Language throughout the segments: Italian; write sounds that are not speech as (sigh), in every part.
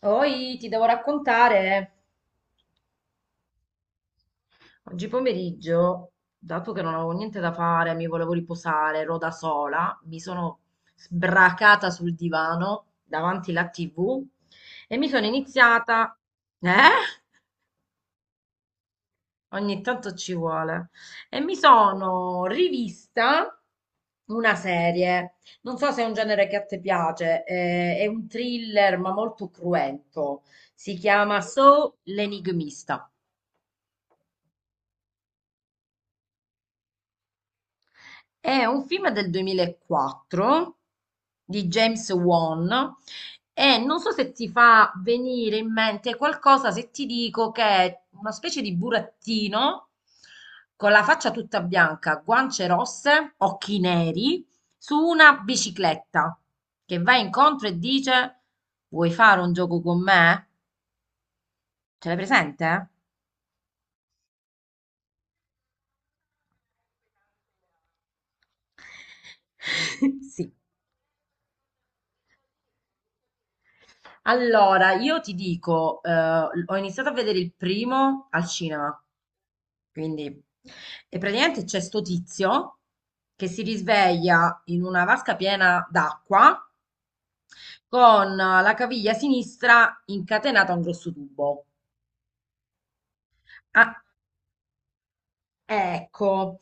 Poi ti devo raccontare, oggi pomeriggio, dato che non avevo niente da fare, mi volevo riposare, ero da sola, mi sono sbracata sul divano davanti alla TV e mi sono iniziata, eh? Ogni tanto ci vuole. E mi sono rivista una serie. Non so se è un genere che a te piace, è un thriller ma molto cruento. Si chiama So l'Enigmista. È un film del 2004 di James Wan e non so se ti fa venire in mente qualcosa se ti dico che è una specie di burattino con la faccia tutta bianca, guance rosse, occhi neri, su una bicicletta che va incontro e dice: Vuoi fare un gioco con me? Ce l'hai presente? (laughs) Sì. Allora, io ti dico, ho iniziato a vedere il primo al cinema, quindi, e praticamente c'è sto tizio che si risveglia in una vasca piena d'acqua con la caviglia sinistra incatenata a un grosso tubo. Ah, ecco,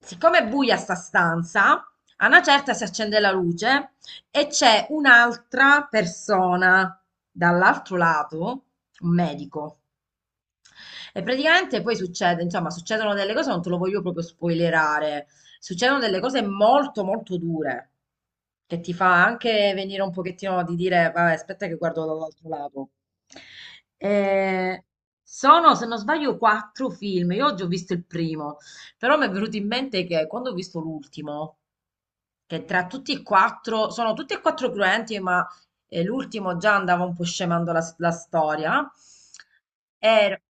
siccome è buia sta stanza, a una certa si accende la luce e c'è un'altra persona dall'altro lato, un medico. E praticamente poi succede, insomma, succedono delle cose, non te lo voglio proprio spoilerare, succedono delle cose molto molto dure, che ti fa anche venire un pochettino di dire, vabbè, aspetta che guardo dall'altro lato. Eh, sono, se non sbaglio, quattro film, io oggi ho visto il primo, però mi è venuto in mente che quando ho visto l'ultimo, che tra tutti e quattro, sono tutti e quattro cruenti, ma l'ultimo già andava un po' scemando la storia. Ero-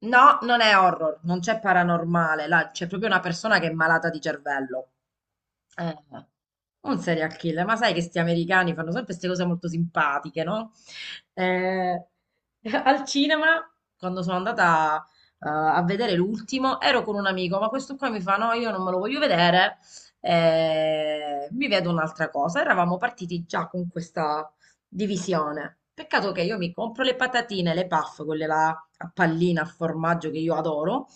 No, non è horror, non c'è paranormale, là c'è proprio una persona che è malata di cervello. Eh, un serial killer, ma sai che sti americani fanno sempre queste cose molto simpatiche, no? Eh, (laughs) Al cinema, quando sono andata a vedere l'ultimo, ero con un amico, ma questo qua mi fa, no, io non me lo voglio vedere, mi vedo un'altra cosa. Eravamo partiti già con questa divisione. Peccato che io mi compro le patatine, le puff, quelle là a pallina, a formaggio che io adoro.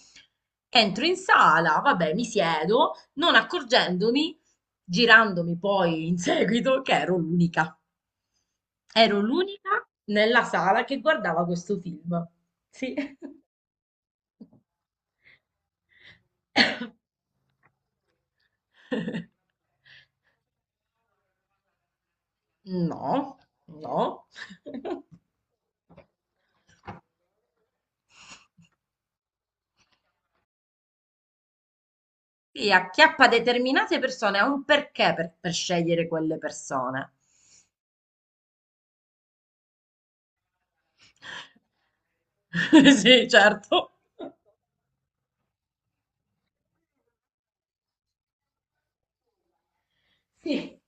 Entro in sala, vabbè, mi siedo, non accorgendomi, girandomi poi in seguito, che ero l'unica. Ero l'unica nella sala che guardava questo film. Sì. (laughs) No, no. (laughs) Sì, acchiappa determinate persone, ha un perché per scegliere quelle persone. (laughs) Sì, certo. Sì,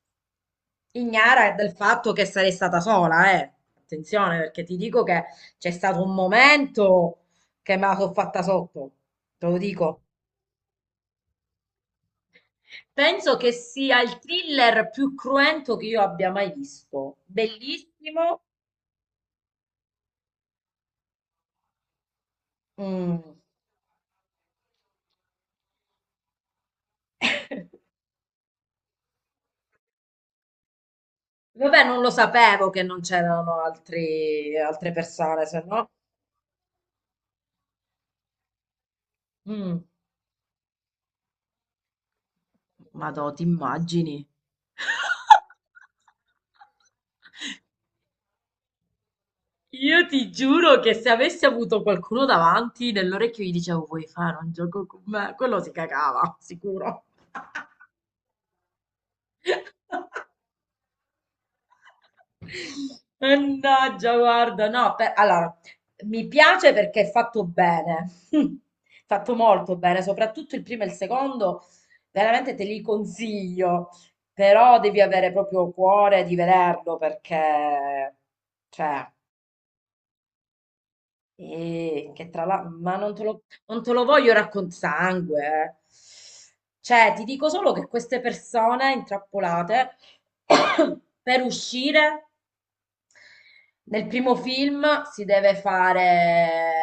ignara del fatto che sarei stata sola, eh. Attenzione, perché ti dico che c'è stato un momento che me la sono fatta sotto, te lo dico. Penso che sia il thriller più cruento che io abbia mai visto. Bellissimo. Mm. (laughs) Vabbè, non lo sapevo che non c'erano altre persone, se no. Mm. Madò, ti immagini? Io ti giuro che se avessi avuto qualcuno davanti, nell'orecchio gli dicevo, vuoi fare un gioco con me? Quello si cagava, sicuro. Mannaggia, guarda, no, allora, mi piace perché è fatto bene, (laughs) fatto molto bene, soprattutto il primo e il secondo, veramente te li consiglio, però devi avere proprio cuore di vederlo perché, cioè... E che tra l'altro, ma non te lo voglio raccontare sangue. Eh. Cioè, ti dico solo che queste persone intrappolate (coughs) per uscire nel primo film si deve fare,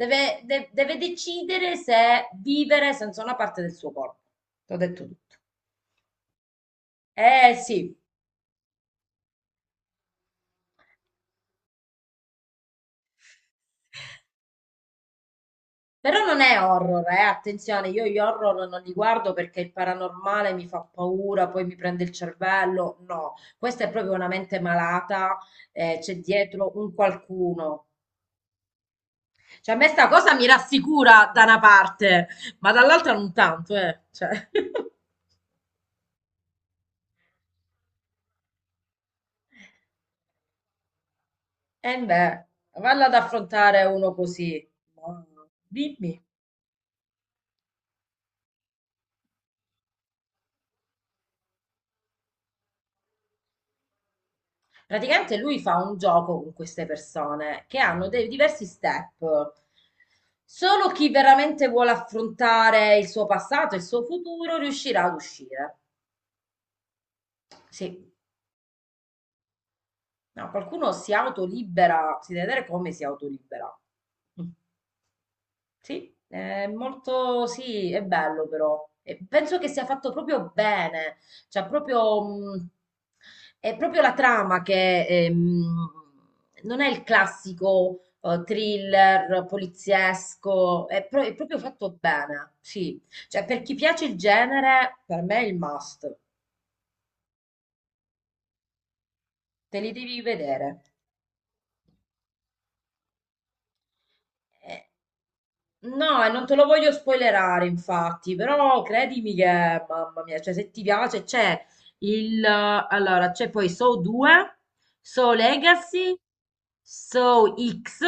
deve decidere se vivere senza una parte del suo corpo. T'ho detto tutto. Eh sì. Però non è horror, eh? Attenzione, io gli horror non li guardo perché il paranormale mi fa paura, poi mi prende il cervello. No, questa è proprio una mente malata, c'è dietro un qualcuno. Cioè, a me sta cosa mi rassicura da una parte, ma dall'altra non tanto, eh. Cioè. (laughs) E beh, valla ad affrontare uno così. Ma, dimmi. Praticamente lui fa un gioco con queste persone che hanno dei diversi step. Solo chi veramente vuole affrontare il suo passato e il suo futuro riuscirà ad uscire. Sì, no, qualcuno si autolibera, si deve vedere come si autolibera. Sì, è molto, sì, è bello però. E penso che sia fatto proprio bene, cioè proprio, è proprio la trama che non è il classico thriller poliziesco, è proprio fatto bene, sì. Cioè per chi piace il genere, per me è il must, te li devi vedere. Eh, No, e non te lo voglio spoilerare, infatti, però credimi che, mamma mia, cioè se ti piace Allora, c'è poi Saw 2, Saw Legacy, Saw X,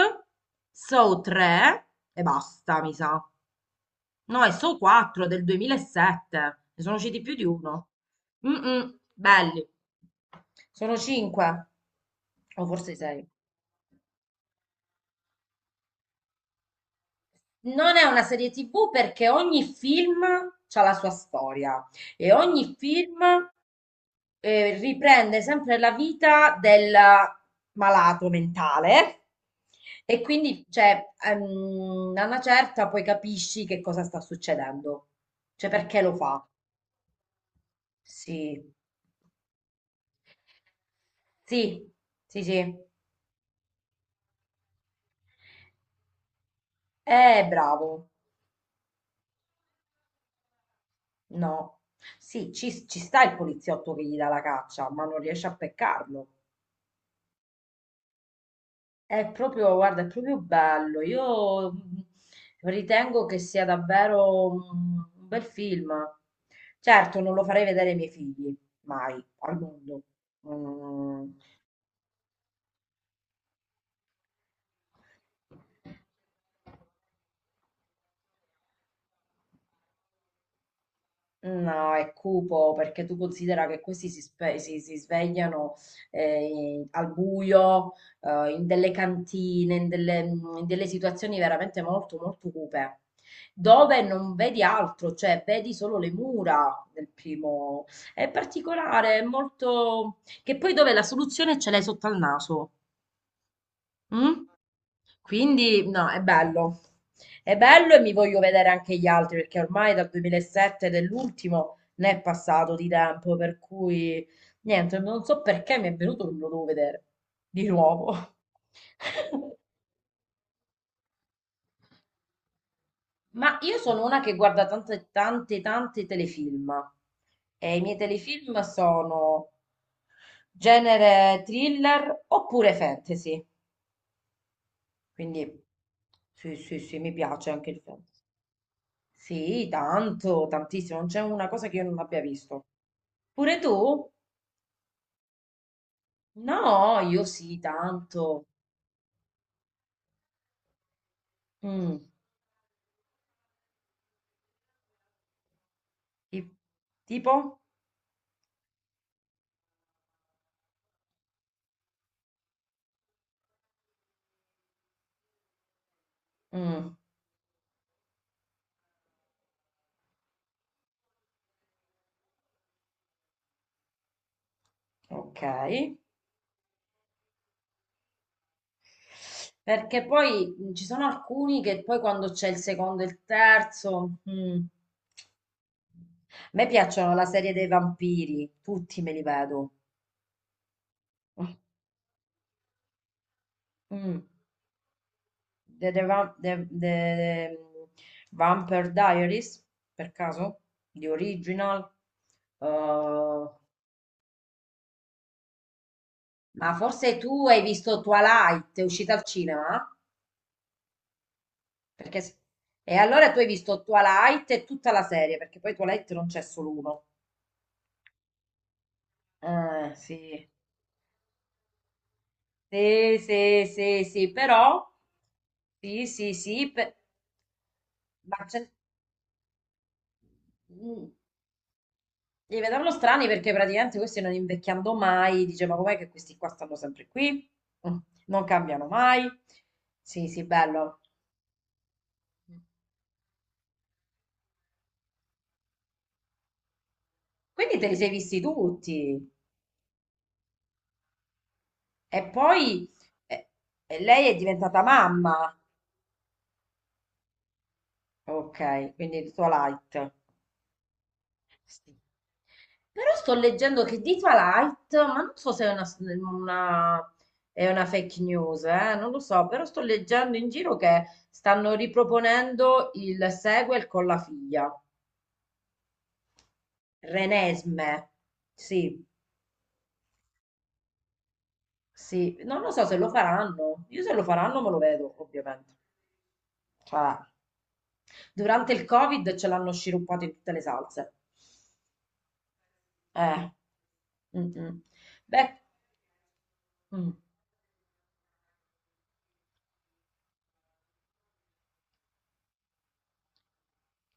Saw 3 e basta, mi sa. No, è Saw 4 del 2007, ne sono usciti più di uno. Mm, mm, belli. Sono 5, o forse 6. Non è una serie TV perché ogni film ha la sua storia e ogni film riprende sempre la vita del malato mentale e quindi cioè, a una certa poi capisci che cosa sta succedendo, cioè perché lo fa. Sì, sì, sì, sì. Bravo. No. Sì, ci sta il poliziotto che gli dà la caccia, ma non riesce a peccarlo. È proprio, guarda, è proprio bello. Io ritengo che sia davvero un bel film. Certo, non lo farei vedere ai miei figli, mai, al mondo. Mm. No, è cupo perché tu considera che questi si svegliano al buio, in delle cantine, in delle situazioni veramente molto, molto cupe, dove non vedi altro, cioè vedi solo le mura del primo. È particolare, è molto... che poi dove la soluzione ce l'hai sotto al naso. Mm? Quindi no, è bello. È bello e mi voglio vedere anche gli altri perché ormai dal 2007 dell'ultimo ne è passato di tempo, per cui niente, non so perché mi è venuto che me lo devo vedere di nuovo. (laughs) Ma io sono una che guarda tante, tante, tante telefilm e i miei telefilm sono genere thriller oppure fantasy. Quindi sì, sì, sì, mi piace anche il fantasy. Sì, tanto, tantissimo, non c'è una cosa che io non abbia visto. Pure tu? No, io sì, tanto. Mm. ti- Tipo? Mm, ok. Perché poi ci sono alcuni che poi quando c'è il secondo e il terzo... mm. A me piacciono la serie dei vampiri, tutti me li vedo. Mm. The Vampire Diaries, per caso? The Original? Uh, ma forse tu hai visto Twilight, è uscita al cinema? Perché... s- E allora tu hai visto Twilight e tutta la serie, perché poi Twilight non c'è solo uno. Sì. Sì, sì, sì, sì, però... Sì, sì, sì, ma c'è... mm, Li vedevano strani perché praticamente questi non invecchiando mai, dice, ma com'è che questi qua stanno sempre qui? Mm. Non cambiano mai. Sì, sì, bello. Quindi te li sei visti tutti. E poi eh, lei è diventata mamma. Ok, quindi di Twilight. Sì. Però sto leggendo che di Twilight, ma non so se una- è una fake news, non lo so, però sto leggendo in giro che stanno riproponendo il sequel con la figlia. Renesme. Sì, sì. No, non lo so se lo faranno. Io se lo faranno me lo vedo, ovviamente. Cioè, durante il Covid ce l'hanno sciroppato in tutte le salse. Eh. Mm, mm. Beh, mm,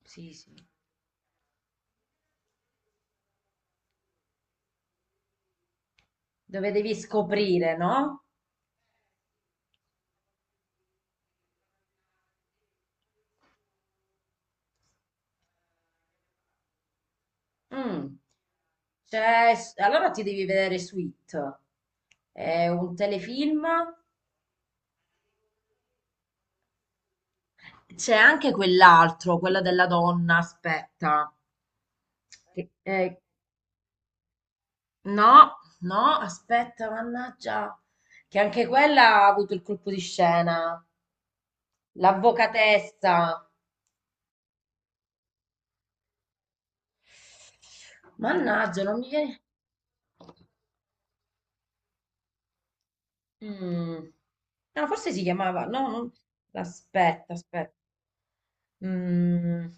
sì, sì. Dove devi scoprire, no? Mm. Allora ti devi vedere Sweet. È un telefilm. C'è anche quell'altro, quello della donna, aspetta. Che- eh, No, no, aspetta, mannaggia, che anche quella ha avuto il colpo di scena, l'avvocatessa. Mannaggia, non mi viene... Mm. No, forse si chiamava... No, non... Aspetta, aspetta. Mm.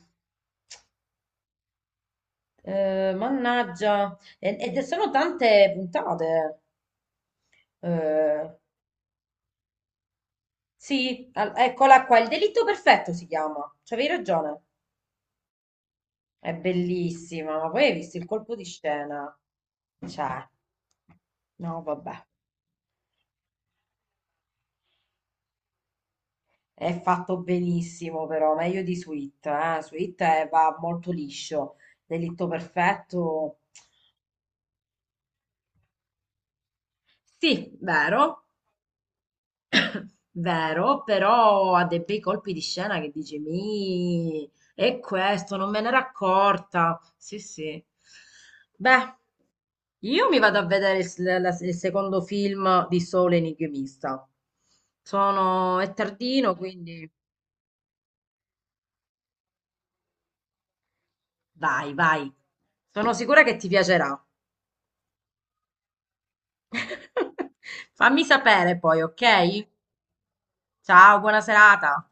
Mannaggia. Ed sono tante puntate. Eh, sì, eccola qua, il delitto perfetto si chiama. C'avevi ragione. È bellissima, ma poi hai visto il colpo di scena? Cioè, no, vabbè. È fatto benissimo, però, meglio di Sweet, eh. Sweet va molto liscio. Delitto perfetto. Sì, vero, vero, però ha dei bei colpi di scena che dici, mi, è questo, non me n'era accorta. Sì, sì. Beh, io mi vado a vedere il secondo film di Sole Enigmista. È tardino, quindi vai, vai. Sono sicura che ti piacerà. (laughs) Fammi sapere poi, ok? Ciao, buona serata.